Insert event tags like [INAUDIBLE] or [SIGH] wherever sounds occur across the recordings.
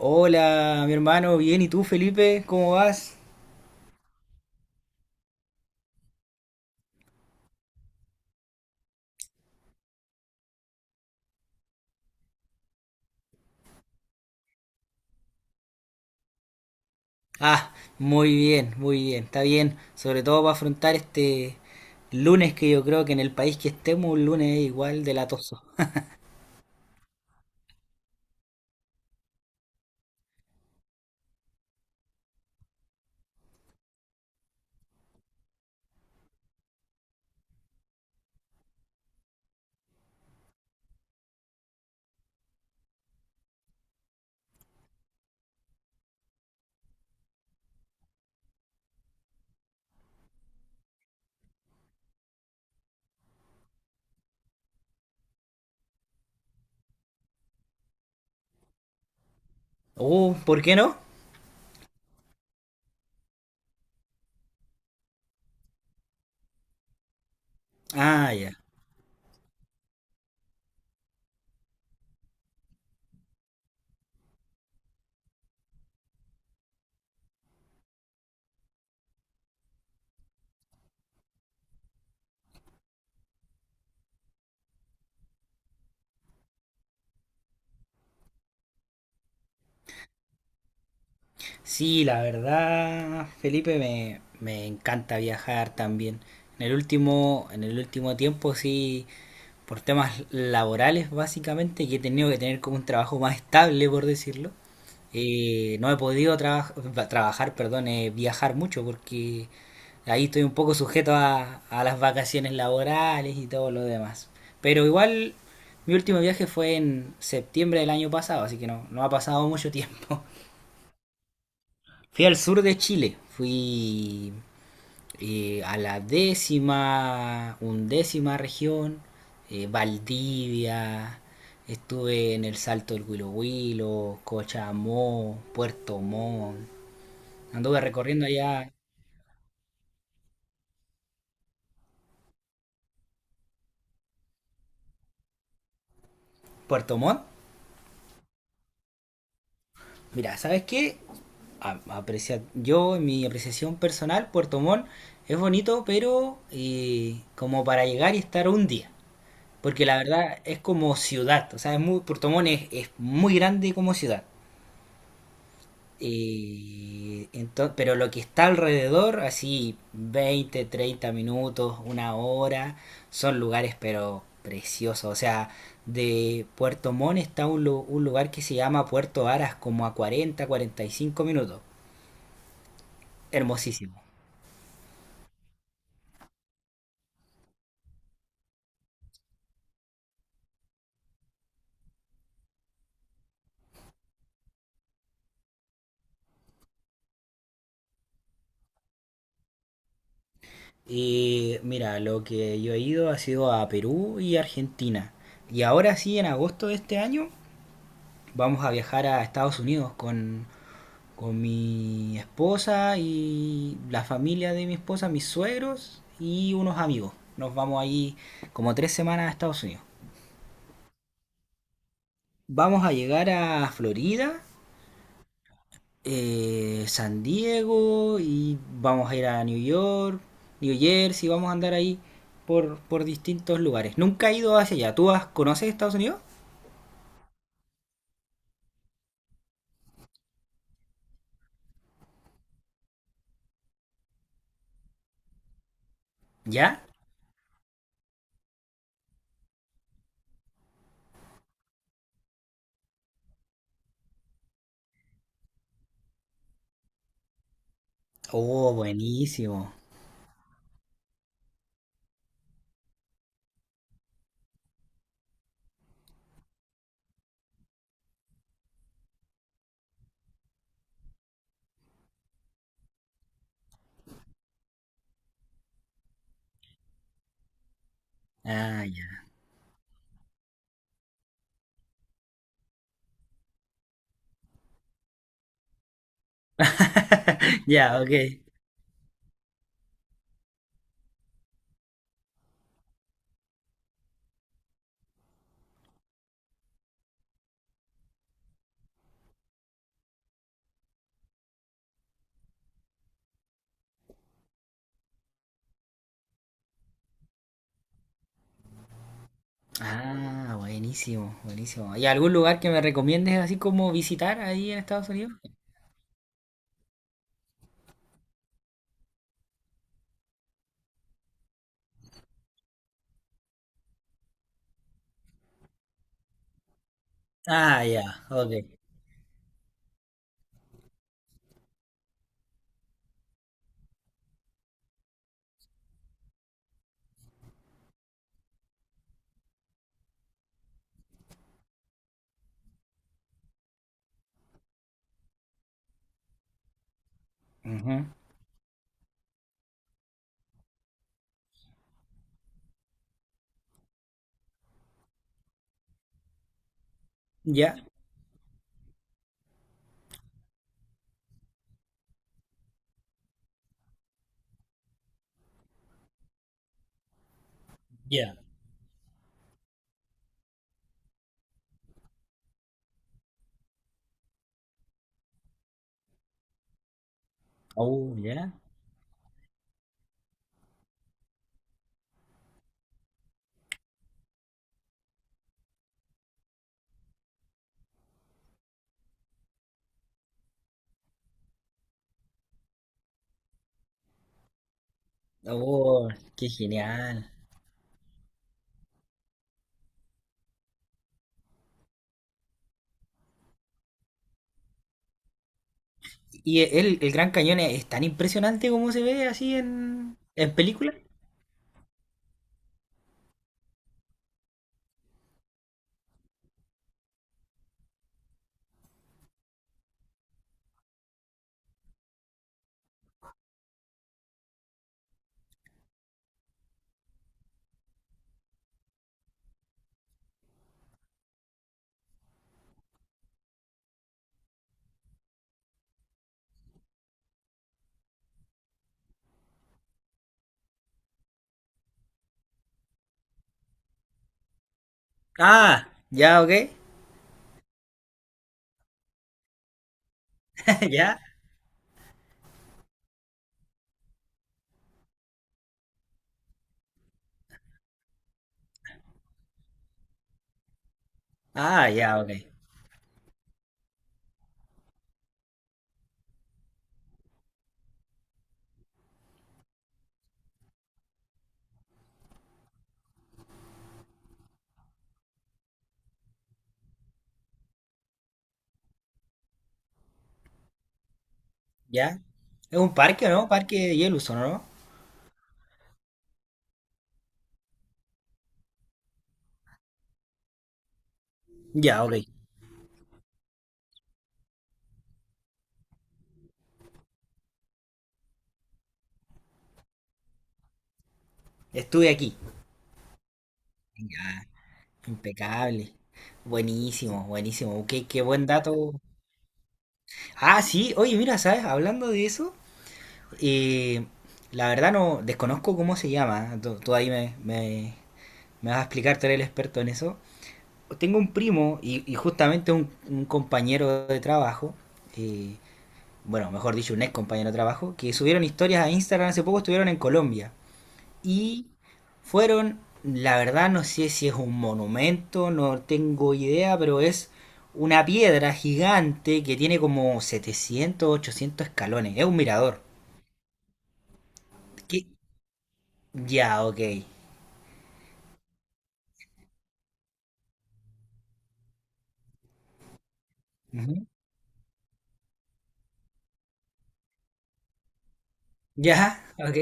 Hola, mi hermano, bien, ¿y tú, Felipe? ¿Cómo vas? Ah, muy bien, está bien, sobre todo para afrontar este lunes que yo creo que en el país que estemos, un lunes es igual de latoso. Oh, ¿por qué no? Ah, ya. Sí, la verdad, Felipe, me encanta viajar también. En el último tiempo sí, por temas laborales básicamente, que he tenido que tener como un trabajo más estable, por decirlo. No he podido trabajar, perdón, viajar mucho porque ahí estoy un poco sujeto a las vacaciones laborales y todo lo demás. Pero igual mi último viaje fue en septiembre del año pasado, así que no, no ha pasado mucho tiempo. [LAUGHS] Fui al sur de Chile, fui a la décima, undécima región, Valdivia, estuve en el Salto del Huilo Huilo, Cochamó, Puerto Montt. Anduve recorriendo allá Puerto Montt. Mira, ¿sabes qué? Yo, en mi apreciación personal, Puerto Montt es bonito, pero como para llegar y estar un día. Porque la verdad es como ciudad. O sea, es muy, Puerto Montt es muy grande como ciudad. Y entonces, pero lo que está alrededor, así 20 30 minutos, una hora, son lugares pero preciosos. O sea, de Puerto Montt está un lugar que se llama Puerto Aras, como a 40 45 minutos. Hermosísimo. Y mira, lo que yo he ido ha sido a Perú y Argentina. Y ahora sí, en agosto de este año, vamos a viajar a Estados Unidos con mi esposa y la familia de mi esposa, mis suegros y unos amigos. Nos vamos ahí como 3 semanas a Estados Unidos. Vamos a llegar a Florida, San Diego y vamos a ir a New York, New Jersey, vamos a andar ahí por distintos lugares. Nunca he ido hacia allá. ¿Tú has- conoces Estados Unidos? ¿Ya? Oh, buenísimo. Ah, ya. [LAUGHS] Ya, ok. Ah, buenísimo, buenísimo. ¿Y algún lugar que me recomiendes así como visitar ahí en Estados Unidos? Ah, ya, ok. Ujú. Ya. Ya. Oh, ya. Oh, qué genial. ¿Y el Gran Cañón es tan impresionante como se ve así en película? Ah, ya, ok. [LAUGHS] Ya. Ah, ya, ok. Ya. Es un parque, ¿o no? Parque de Yellowstone, ¿o no? Ya, ok. Estuve aquí. Ya, impecable. Buenísimo, buenísimo. Qué, qué buen dato. Ah, sí, oye, mira, ¿sabes? Hablando de eso, eh, la verdad no desconozco cómo se llama. Tú ahí me vas a explicar, tú eres el experto en eso. Tengo un primo y justamente un compañero de trabajo, eh, bueno, mejor dicho, un ex compañero de trabajo, que subieron historias a Instagram hace poco, estuvieron en Colombia y fueron, la verdad no sé si es un monumento, no tengo idea, pero es una piedra gigante que tiene como 700 800 escalones, es un mirador. ¿Qué? Ya, ok. Ujú. Ya, ok.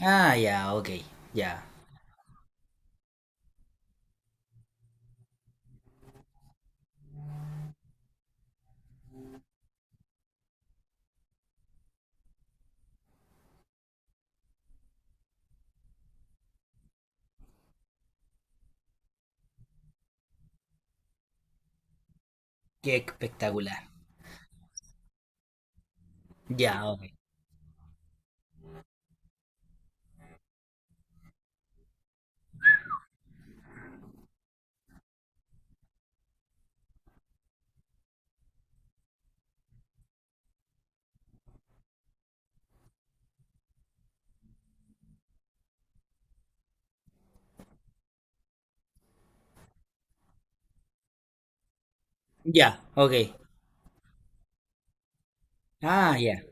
Ah, ya, ok, ya. Qué espectacular. Ya, ok. Ya, ok. Ah, ya.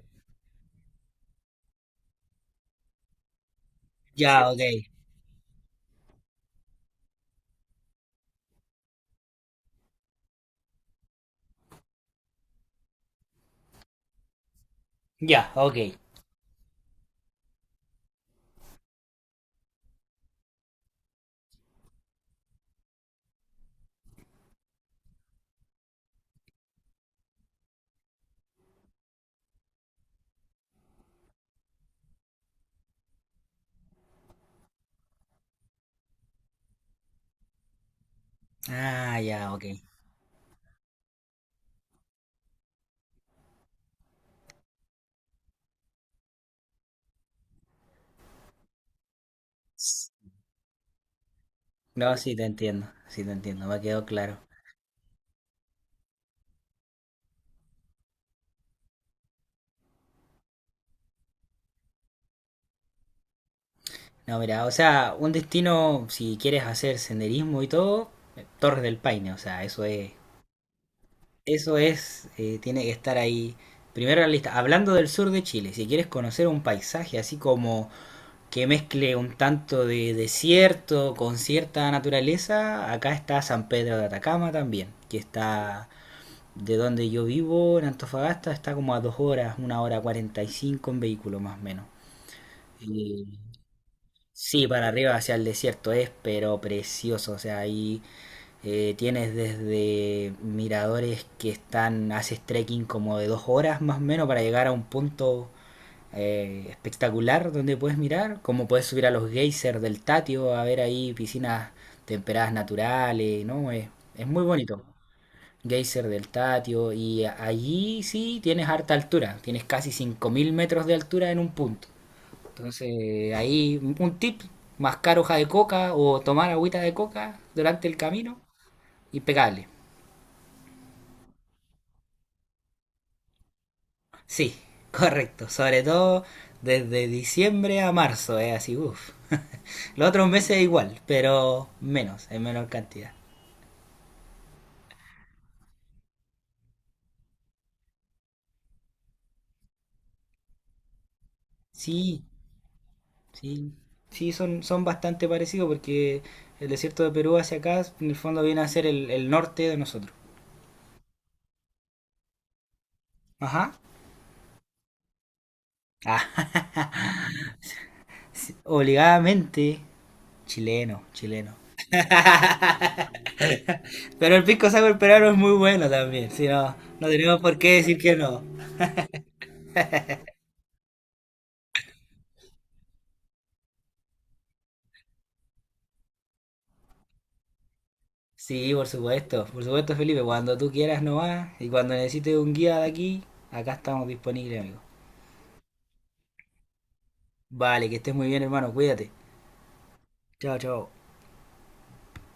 Ya, ok. Ya, ok. Ah, ya, ok. S- No, sí te entiendo, me quedó claro. No, mira, o sea, un destino, si quieres hacer senderismo y todo, Torres del Paine, o sea, eso es, tiene que estar ahí. Primero en la lista, hablando del sur de Chile, si quieres conocer un paisaje así como que mezcle un tanto de desierto con cierta naturaleza, acá está San Pedro de Atacama también, que está de donde yo vivo, en Antofagasta, está como a 2 horas, una hora 45 en vehículo más o menos. Sí, para arriba hacia el desierto es, pero precioso. O sea, ahí tienes desde miradores que están, haces trekking como de 2 horas más o menos para llegar a un punto espectacular donde puedes mirar, como puedes subir a los geysers del Tatio a ver ahí piscinas temperadas naturales, ¿no? Es muy bonito. Geyser del Tatio y allí sí tienes harta altura, tienes casi 5000 metros de altura en un punto. Entonces, ahí un tip, mascar hoja de coca o tomar agüita de coca durante el camino, impecable. Sí, [LAUGHS] correcto, sobre todo desde diciembre a marzo, es así, uff. Los otros meses igual, pero menos, en menor cantidad. Sí, sí, sí, son bastante parecidos porque el desierto de Perú hacia acá, en el fondo viene a ser el norte de nosotros. Ajá. Ah, [LAUGHS] sí, obligadamente, chileno, chileno. Pero el pisco sour peruano es muy bueno también, si no, no tenemos por qué decir que no. Sí, por supuesto Felipe, cuando tú quieras nomás y cuando necesites un guía de aquí, acá estamos disponibles, amigo. Vale, que estés muy bien, hermano, cuídate. Chao, chao.